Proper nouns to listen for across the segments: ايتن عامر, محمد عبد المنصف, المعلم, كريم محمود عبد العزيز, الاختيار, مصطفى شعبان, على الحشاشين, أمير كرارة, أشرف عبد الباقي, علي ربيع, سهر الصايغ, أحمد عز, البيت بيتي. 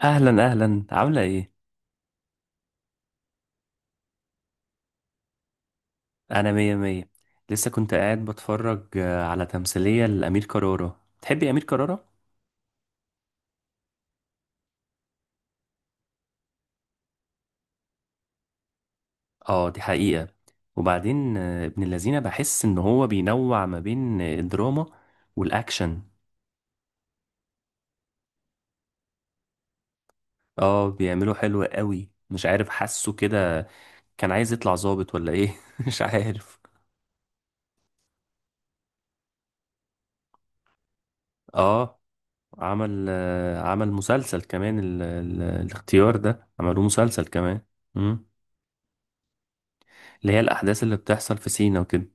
اهلا اهلا، عامله ايه؟ انا مية مية. لسه كنت قاعد بتفرج على تمثيلية لأمير كرارة. تحبي أمير كرارة؟ اه، دي حقيقة. وبعدين ابن اللذينة، بحس ان هو بينوع ما بين الدراما والاكشن. اه، بيعمله حلو قوي، مش عارف، حاسه كده. كان عايز يطلع ظابط ولا ايه مش عارف. اه، عمل مسلسل كمان، ال ال الاختيار ده عملوه مسلسل كمان. مم. اللي هي الاحداث اللي بتحصل في سينا وكده.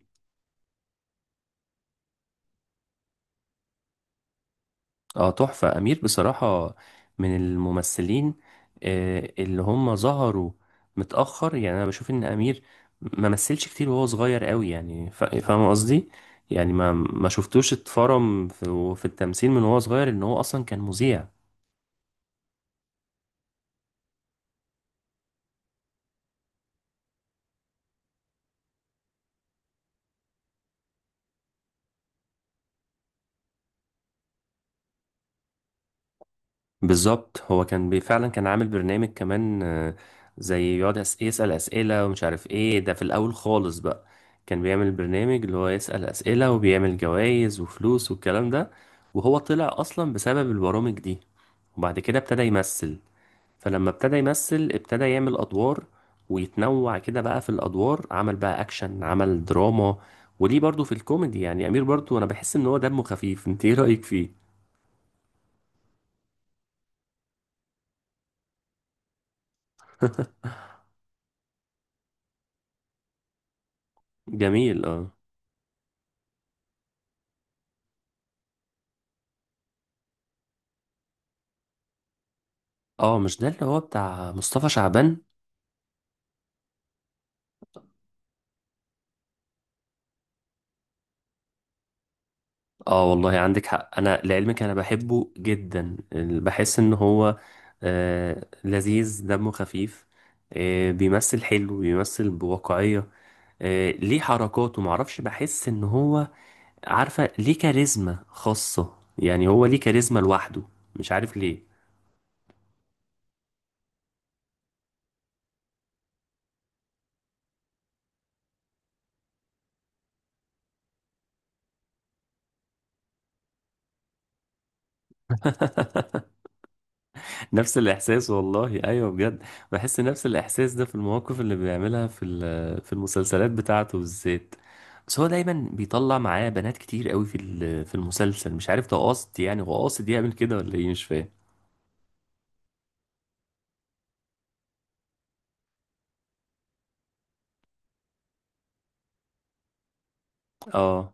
اه، تحفة أمير بصراحة، من الممثلين اللي هم ظهروا متأخر. يعني أنا بشوف إن أمير ما مثلش كتير وهو صغير قوي، يعني فاهم قصدي. يعني ما شفتوش اتفرم في التمثيل من وهو صغير، إن هو أصلا كان مذيع. بالظبط، هو كان فعلا كان عامل برنامج كمان، زي يقعد يسأل أسئلة، ومش عارف ايه ده في الأول خالص بقى. كان بيعمل برنامج اللي هو يسأل أسئلة، وبيعمل جوائز وفلوس والكلام ده، وهو طلع أصلا بسبب البرامج دي. وبعد كده ابتدى يمثل. فلما ابتدى يمثل، ابتدى يعمل أدوار ويتنوع كده بقى في الأدوار. عمل بقى أكشن، عمل دراما، وليه برضو في الكوميدي. يعني أمير برضو أنا بحس إن هو دمه خفيف. انت ايه رأيك فيه؟ جميل، اه. اه، مش ده اللي هو بتاع مصطفى شعبان؟ اه والله، عندك حق، انا لعلمك انا بحبه جدا. بحس ان هو لذيذ، دمه خفيف، بيمثل حلو، بيمثل بواقعية، ليه حركاته، معرفش، بحس ان هو، عارفة، ليه كاريزما خاصة. يعني هو ليه كاريزما لوحده، مش عارف ليه. نفس الإحساس والله، أيوه بجد. بحس نفس الإحساس ده في المواقف اللي بيعملها في في المسلسلات بتاعته بالذات. بس هو دايما بيطلع معاه بنات كتير قوي في في المسلسل. مش عارف ده قاصد، يعني هو قاصد يعمل كده ولا إيه، مش فاهم. اه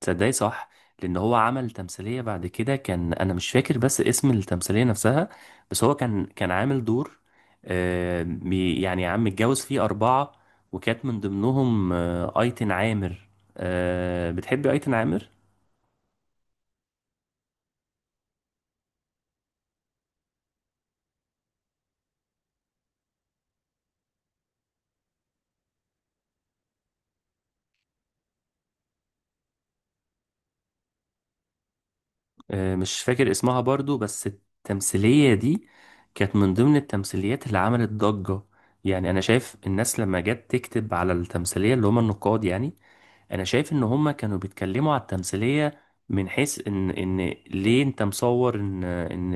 تصدقي، صح، لان هو عمل تمثيليه بعد كده، كان انا مش فاكر بس اسم التمثيليه نفسها، بس هو كان عامل دور، يعني عم متجوز فيه اربعه، وكانت من ضمنهم ايتن عامر. بتحبي ايتن عامر؟ مش فاكر اسمها برضو، بس التمثيليه دي كانت من ضمن التمثيليات اللي عملت ضجه. يعني انا شايف الناس لما جت تكتب على التمثيليه، اللي هم النقاد يعني، انا شايف ان هما كانوا بيتكلموا على التمثيلية من حيث ان ليه انت مصور ان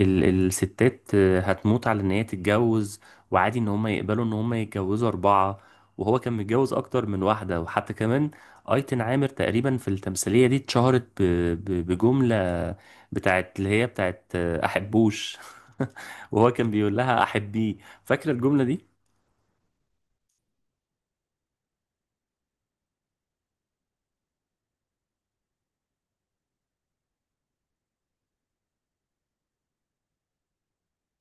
الستات هتموت على ان هي تتجوز، وعادي ان هما يقبلوا ان هما يتجوزوا اربعة. وهو كان متجوز اكتر من واحدة، وحتى كمان ايتن عامر تقريبا في التمثيلية دي اتشهرت بجملة، بتاعت اللي هي بتاعت احبوش، وهو كان بيقول لها احبيه. فاكرة الجملة دي؟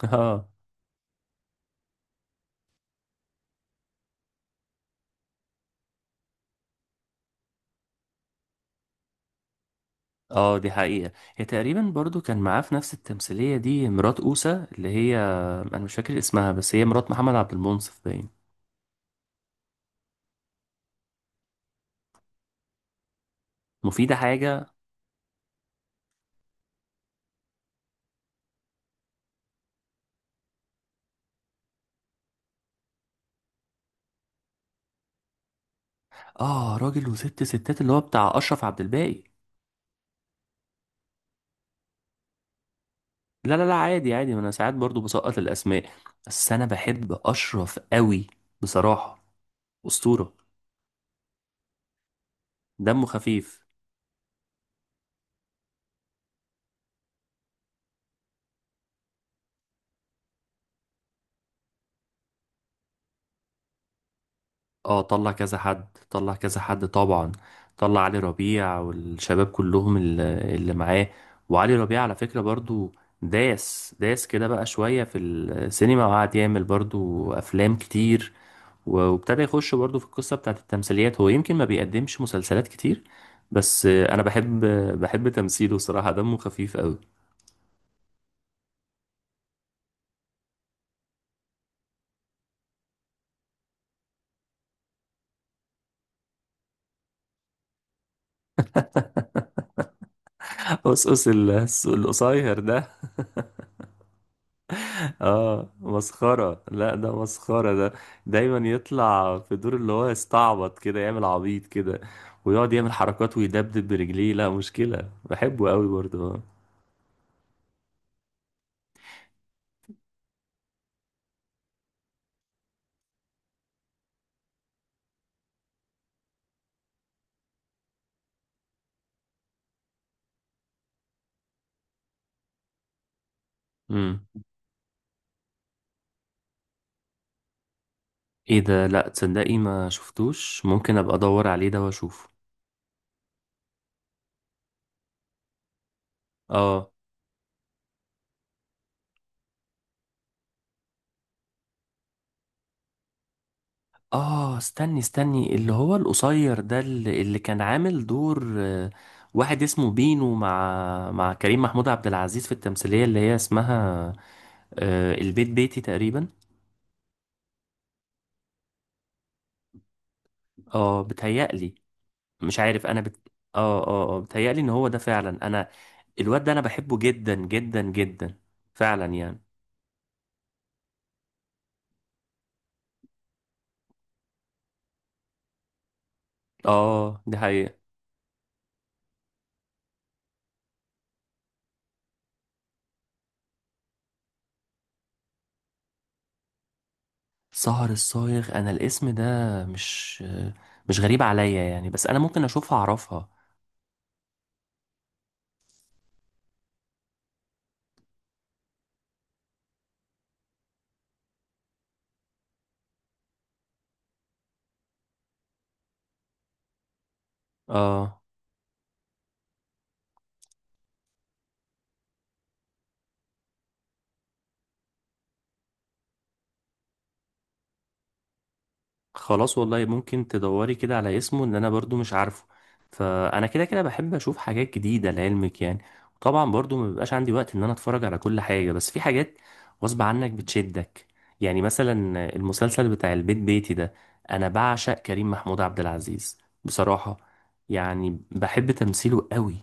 اه. اه، دي حقيقة. هي تقريبا برضو كان معاه في نفس التمثيلية دي مرات أوسة، اللي هي أنا مش فاكر اسمها، بس هي مرات محمد عبد المنصف باين. مفيدة حاجة. اه، راجل وست ستات اللي هو بتاع أشرف عبد الباقي. لا لا لا، عادي عادي، ما أنا ساعات برضو بسقط الأسماء. بس أنا بحب أشرف قوي، بصراحة، أسطورة، دمه خفيف. اه، طلع كذا حد، طلع كذا حد، طبعا. طلع علي ربيع والشباب كلهم اللي معاه. وعلي ربيع على فكرة برضو داس داس كده بقى شوية في السينما، وقعد يعمل برضو أفلام كتير، و- وابتدى يخش برضو في القصة بتاعت التمثيليات. هو يمكن ما بيقدمش مسلسلات كتير، بس أنا بحب تمثيله، صراحة دمه خفيف أوي. قصقص، القصير ده. اه مسخرة، لا ده مسخرة ده. دايما يطلع في دور اللي هو يستعبط كده، يعمل عبيط كده، ويقعد يعمل حركات ويدبدب برجليه. لا مشكلة، بحبه قوي برضه، اه. امم. ايه ده؟ لا تصدقي ما شفتوش، ممكن ابقى ادور عليه ده واشوفه. اه اه، استني استني، اللي هو القصير ده اللي كان عامل دور، واحد اسمه بينو، مع كريم محمود عبد العزيز في التمثيلية اللي هي اسمها البيت بيتي تقريبا. اه بتهيألي، مش عارف انا اه اه اه، بتهيألي ان هو ده فعلا، انا الواد ده انا بحبه جدا جدا جدا فعلا يعني. اه، دي حقيقة. سهر الصايغ، انا الاسم ده مش مش غريب عليا يعني، بس انا ممكن اشوفها اعرفها. اه خلاص والله، ممكن تدوري كده على اسمه، ان انا برضو مش عارفه. فانا كده كده بحب اشوف حاجات جديدة لعلمك يعني. وطبعا برضو ما بيبقاش عندي وقت ان انا اتفرج على كل حاجة، بس في حاجات غصب عنك بتشدك، يعني مثلا المسلسل بتاع البيت بيتي ده. انا بعشق كريم محمود عبد العزيز، بصراحة، يعني بحب تمثيله قوي.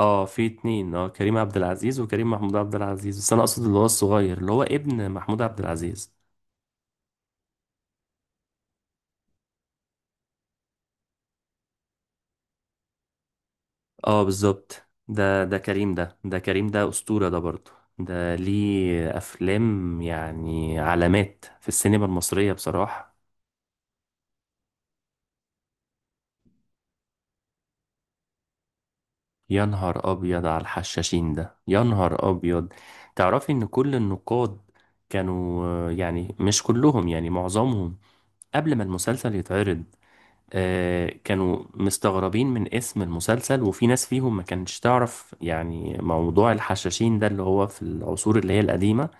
اه، في اتنين، اه، كريم عبد العزيز وكريم محمود عبد العزيز، بس انا اقصد اللي هو الصغير، اللي هو ابن محمود عبد العزيز. اه بالظبط، ده كريم، ده كريم، ده أسطورة ده برضه، ده ليه أفلام يعني علامات في السينما المصرية بصراحة. يا نهار أبيض على الحشاشين ده، يا نهار أبيض. تعرفي إن كل النقاد كانوا، يعني مش كلهم يعني معظمهم، قبل ما المسلسل يتعرض، كانوا مستغربين من اسم المسلسل، وفي ناس فيهم ما كانتش تعرف يعني موضوع الحشاشين ده اللي هو في العصور اللي هي القديمة.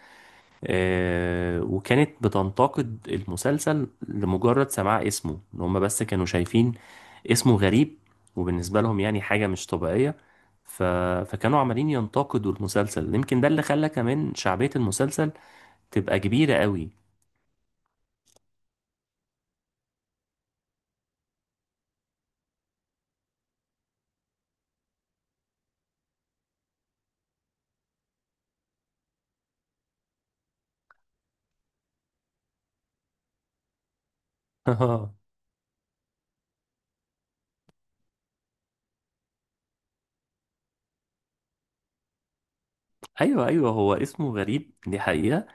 وكانت بتنتقد المسلسل لمجرد سماع اسمه، ان هم بس كانوا شايفين اسمه غريب، وبالنسبة لهم يعني حاجة مش طبيعية. ف... فكانوا عمالين ينتقدوا المسلسل، يمكن ده اللي خلى كمان شعبية المسلسل تبقى كبيرة قوي. ايوه ايوه، هو اسمه غريب دي حقيقة.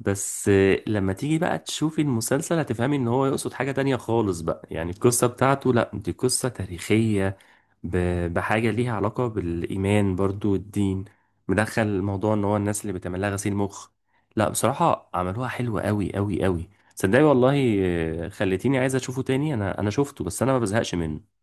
بس لما تيجي بقى تشوفي المسلسل هتفهمي ان هو يقصد حاجة تانية خالص بقى، يعني القصة بتاعته لا، دي قصة تاريخية، بحاجة ليها علاقة بالإيمان برضو والدين، مدخل موضوع إن هو الناس اللي بتعمل لها غسيل مخ. لا بصراحة عملوها حلوة أوي أوي أوي، صدقني والله. خليتيني عايز أشوفه تاني، أنا شفته بس أنا ما بزهقش منه.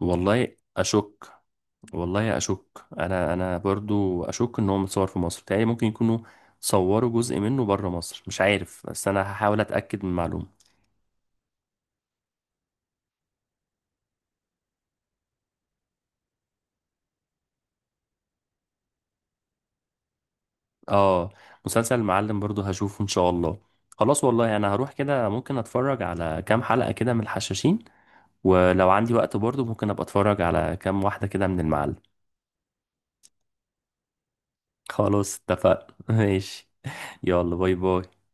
والله أشك. والله أشك أنا برضو أشك إن هو متصور في مصر تاني. ممكن يكونوا صوروا جزء منه بره مصر، مش عارف، بس أنا هحاول أتأكد من المعلومة. اه، مسلسل المعلم برضو هشوفه ان شاء الله. خلاص والله، انا هروح كده ممكن اتفرج على كام حلقة كده من الحشاشين، ولو عندي وقت برضو ممكن ابقى اتفرج على كام واحدة كده من المعلم. خلاص اتفقنا ماشي. يلا باي باي.